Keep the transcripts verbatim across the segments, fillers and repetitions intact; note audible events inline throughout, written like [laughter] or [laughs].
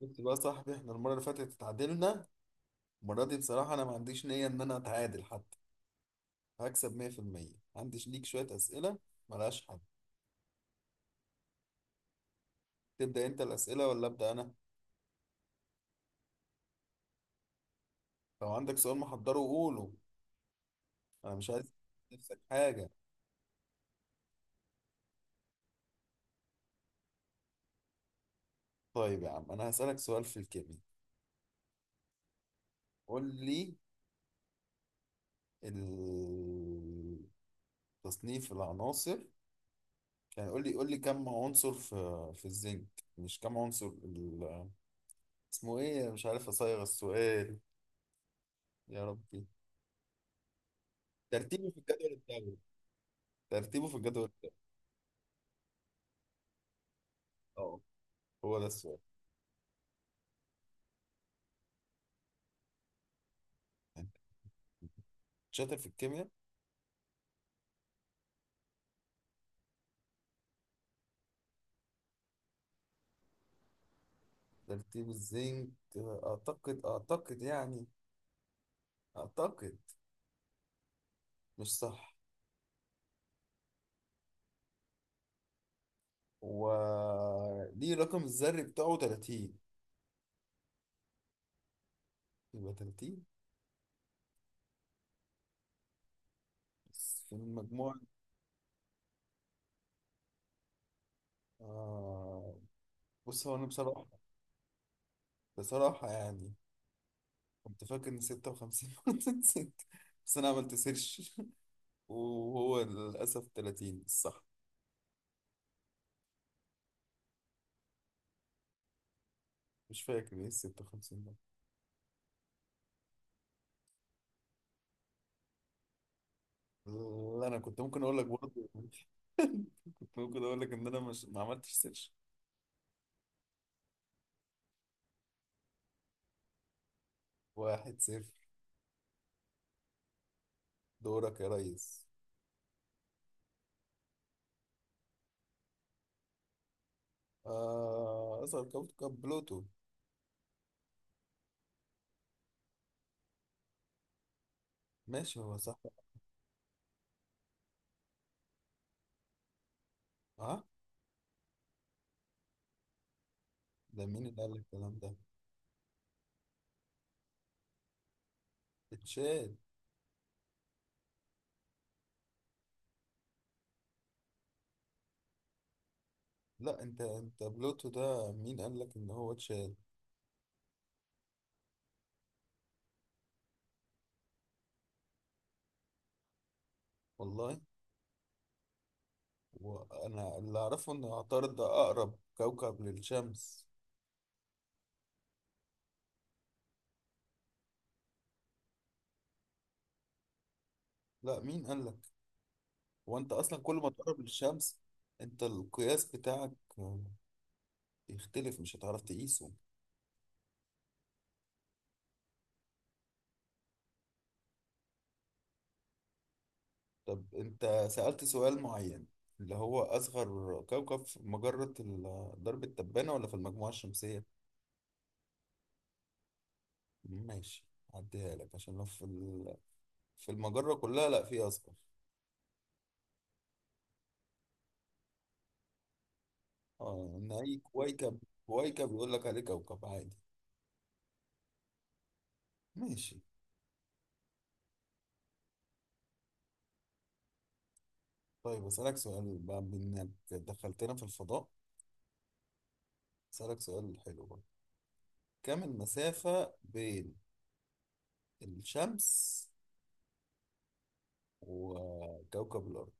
شفت بقى يا صاحبي، احنا المرة اللي فاتت اتعادلنا. المرة دي بصراحة أنا ما عنديش نية إن أنا أتعادل. حتى هكسب مية في المية. عندي ليك شوية أسئلة ملهاش حل. تبدأ أنت الأسئلة ولا أبدأ أنا؟ لو عندك سؤال محضره قوله. أنا مش عايز نفسك حاجة. طيب يا عم أنا هسألك سؤال في الكيمياء. قول لي ال- تصنيف العناصر. يعني قول لي قول لي كم عنصر في في الزنك. مش كم عنصر ال... اسمه إيه؟ مش عارف أصيغ السؤال. يا ربي. ترتيبه في الجدول الدوري. ترتيبه في الجدول الدوري. اه، هو ده السؤال. انت شاطر في الكيمياء. ترتيب الزنك اعتقد اعتقد يعني، اعتقد. مش صح. و ليه رقم الذري بتاعه تلاتين يبقى تلاتين. بس في المجموع. آه... بص هو انا بصراحة، بصراحة يعني كنت فاكر ان ستة وخمسين. نسيت. [laughs] بس انا عملت سيرش. [laughs] وهو للاسف ثلاثين الصح. مش فاكر ايه ال ستة وخمسين ده. لا، انا كنت ممكن اقول لك برضه. ممكن اقول لك ان انا مش، ما عملتش سيرش. واحد صفر. دورك يا ريس. آه، اصغر كوكب بلوتو. ماشي هو صح. اه. ده مين اللي قال لك الكلام ده؟ اتشال. لا، انت انت بلوتو ده مين قال لك ان هو اتشال؟ والله. وانا اللي اعرفه ان عطارد ده اقرب كوكب للشمس. لا، مين قال لك؟ هو انت اصلا كل ما تقرب للشمس. انت القياس بتاعك، آه، يختلف. مش هتعرف تقيسه. طب انت سألت سؤال معين، اللي هو أصغر كوكب في مجرة ال- درب التبانة ولا في المجموعة الشمسية؟ ماشي. هعديها لك عشان لو في ال- في المجرة كلها لا في أصغر. اه، إن أي كويكب، كويكب يقول لك عليه كوكب عادي. ماشي. طيب أسألك سؤال بقى بإنك دخلتنا في الفضاء. أسألك سؤال حلو بقى. كم المسافة بين الشمس وكوكب الأرض؟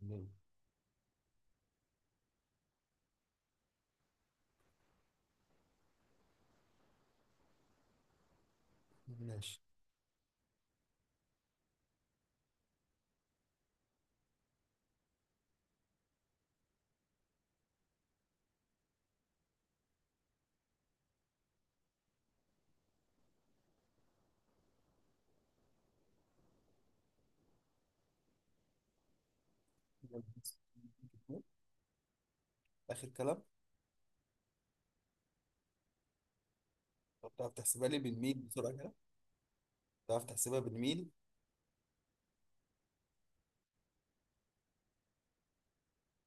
مم. ماشي. اخر كلام. طب بتعرف تحسبها لي بالميل بسرعه كده؟ بتعرف تحسبها بالميل؟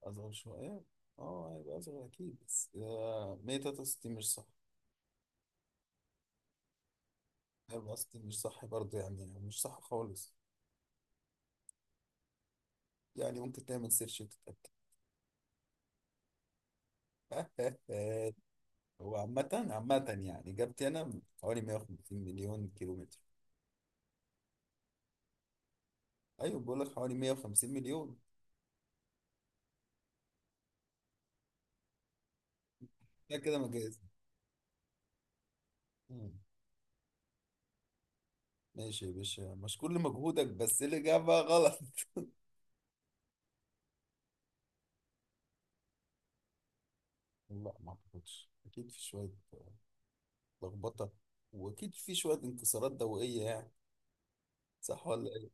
اصغر شويه. اه، هيبقى اصغر اكيد بس، آه، مية وتلاتة وستين مش صح؟ مية واربعة وستين مش صح برضه، يعني مش صح خالص. يعني ممكن تعمل سيرش وتتاكد. [laughs] هو عامة، عامة يعني إجابتي أنا حوالي مية وخمسين مليون كيلو متر. أيوة، بقول لك حوالي مية وخمسين مليون. ده كده مجاز. مم. ماشي يا باشا، مشكور لمجهودك بس الإجابة غلط. [laughs] لا، ما أعتقدش. أكيد في شوية لخبطه، واكيد في شويه انكسارات دوائيه يعني. صح ولا ايه؟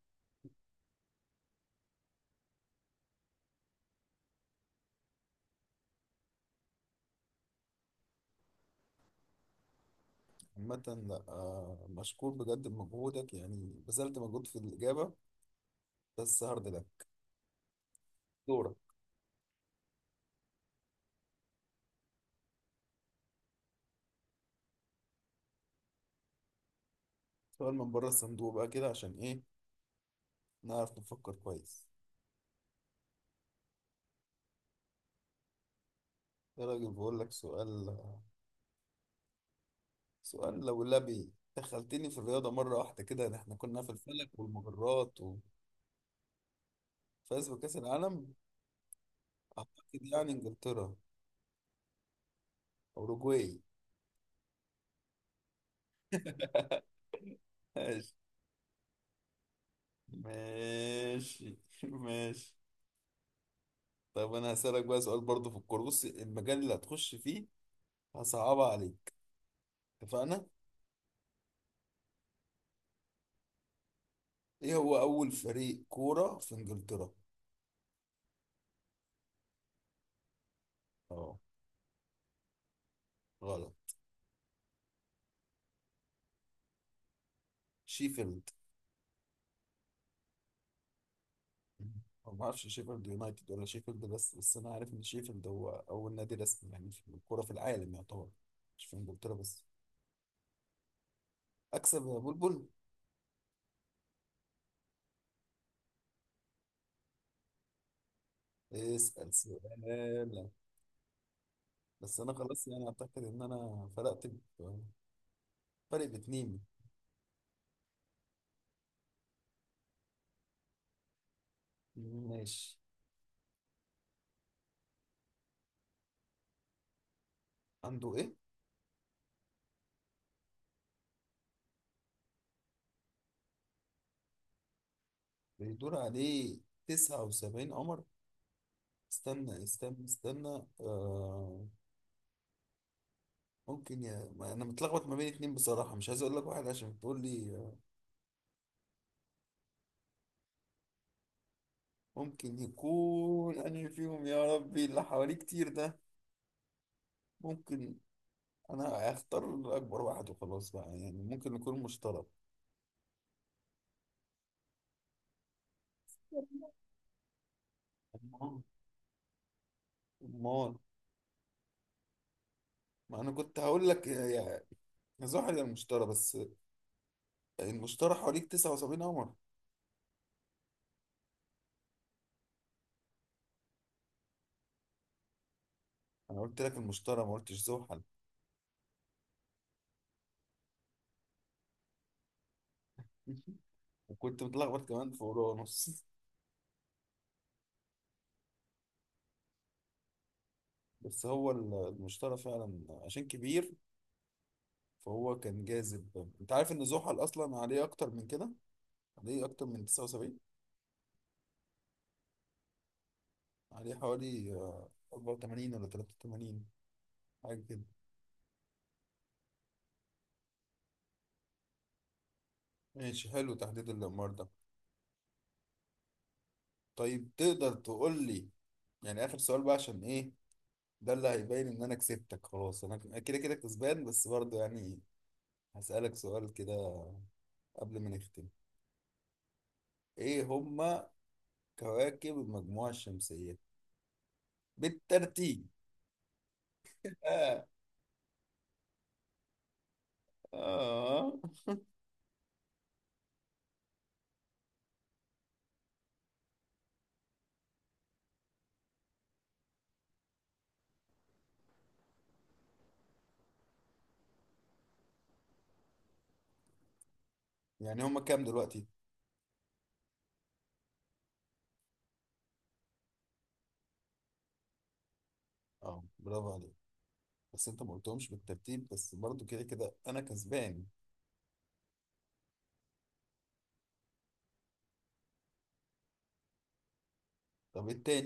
عامه، لا. آه، مشكور بجد بمجهودك يعني. بذلت مجهود في الاجابه. بس هارد لك. دورك. سؤال من بره الصندوق بقى كده، عشان ايه نعرف نفكر كويس. يا راجل بقول لك سؤال، سؤال. لو لبي دخلتني في الرياضه مره واحده كده، ده احنا كنا في الفلك والمجرات. وفاز بكاس العالم. اعتقد يعني انجلترا. اوروجواي. ماشي. ماشي. [laughs] ماشي. طب انا هسألك بقى سؤال برضه في الكورة. بص المجال اللي هتخش فيه، هصعبها عليك. اتفقنا؟ ايه هو أول فريق كورة في انجلترا؟ اه. غلط. شيفيلد. أنا ما اعرفش شيفيلد يونايتد ولا شيفيلد، بس بس انا عارف ان شيفيلد هو اول نادي رسمي يعني في الكورة في العالم يعتبر. مش في انجلترا بس. اكسب يا بلبل. اسأل سؤال. بس انا خلاص يعني اعتقد ان انا فرقت. ب- فرق باتنين. ماشي. عنده ايه؟ بيدور عليه تسعة وسبعين قمر. استنى استنى استنى، آه ممكن. يا ما انا متلخبط ما بين اتنين بصراحة. مش عايز اقول لك واحد عشان تقول لي، آه، ممكن يكون انهي فيهم. يا ربي اللي حواليه كتير ده. ممكن انا هختار اكبر واحد وخلاص بقى، يعني ممكن يكون مشترك. امال. أمال. ما انا كنت هقول لك يا يا يا زحل يا المشتري. بس المشتري حواليك تسعة وسبعين قمر. انا قلت لك المشتري، ما قلتش زحل. [laughs] وكنت متلخبط كمان في فروع ونص. بس هو ال- المشترى فعلا عشان كبير. فهو كان جاذب. انت عارف ان زحل اصلا عليه اكتر من كده. عليه اكتر من تسعة وسبعين. عليه حوالي، آه، اربعة وتمانين ولا تلاتة وتمانين، حاجه كده. ماشي، حلو تحديد الامار ده. طيب تقدر تقول لي يعني اخر سؤال بقى عشان ايه؟ ده اللي هيبين ان انا كسبتك. خلاص انا كده كده كسبان بس برضه يعني، هسألك سؤال كده قبل ما نختم. ايه هما كواكب المجموعة الشمسية بالترتيب؟ آه. آه. يعني هما كام دلوقتي؟ اه، برافو عليك. بس انت ما قلتهمش بالترتيب، بس برضو كده كده انا كسبان. طب التاني.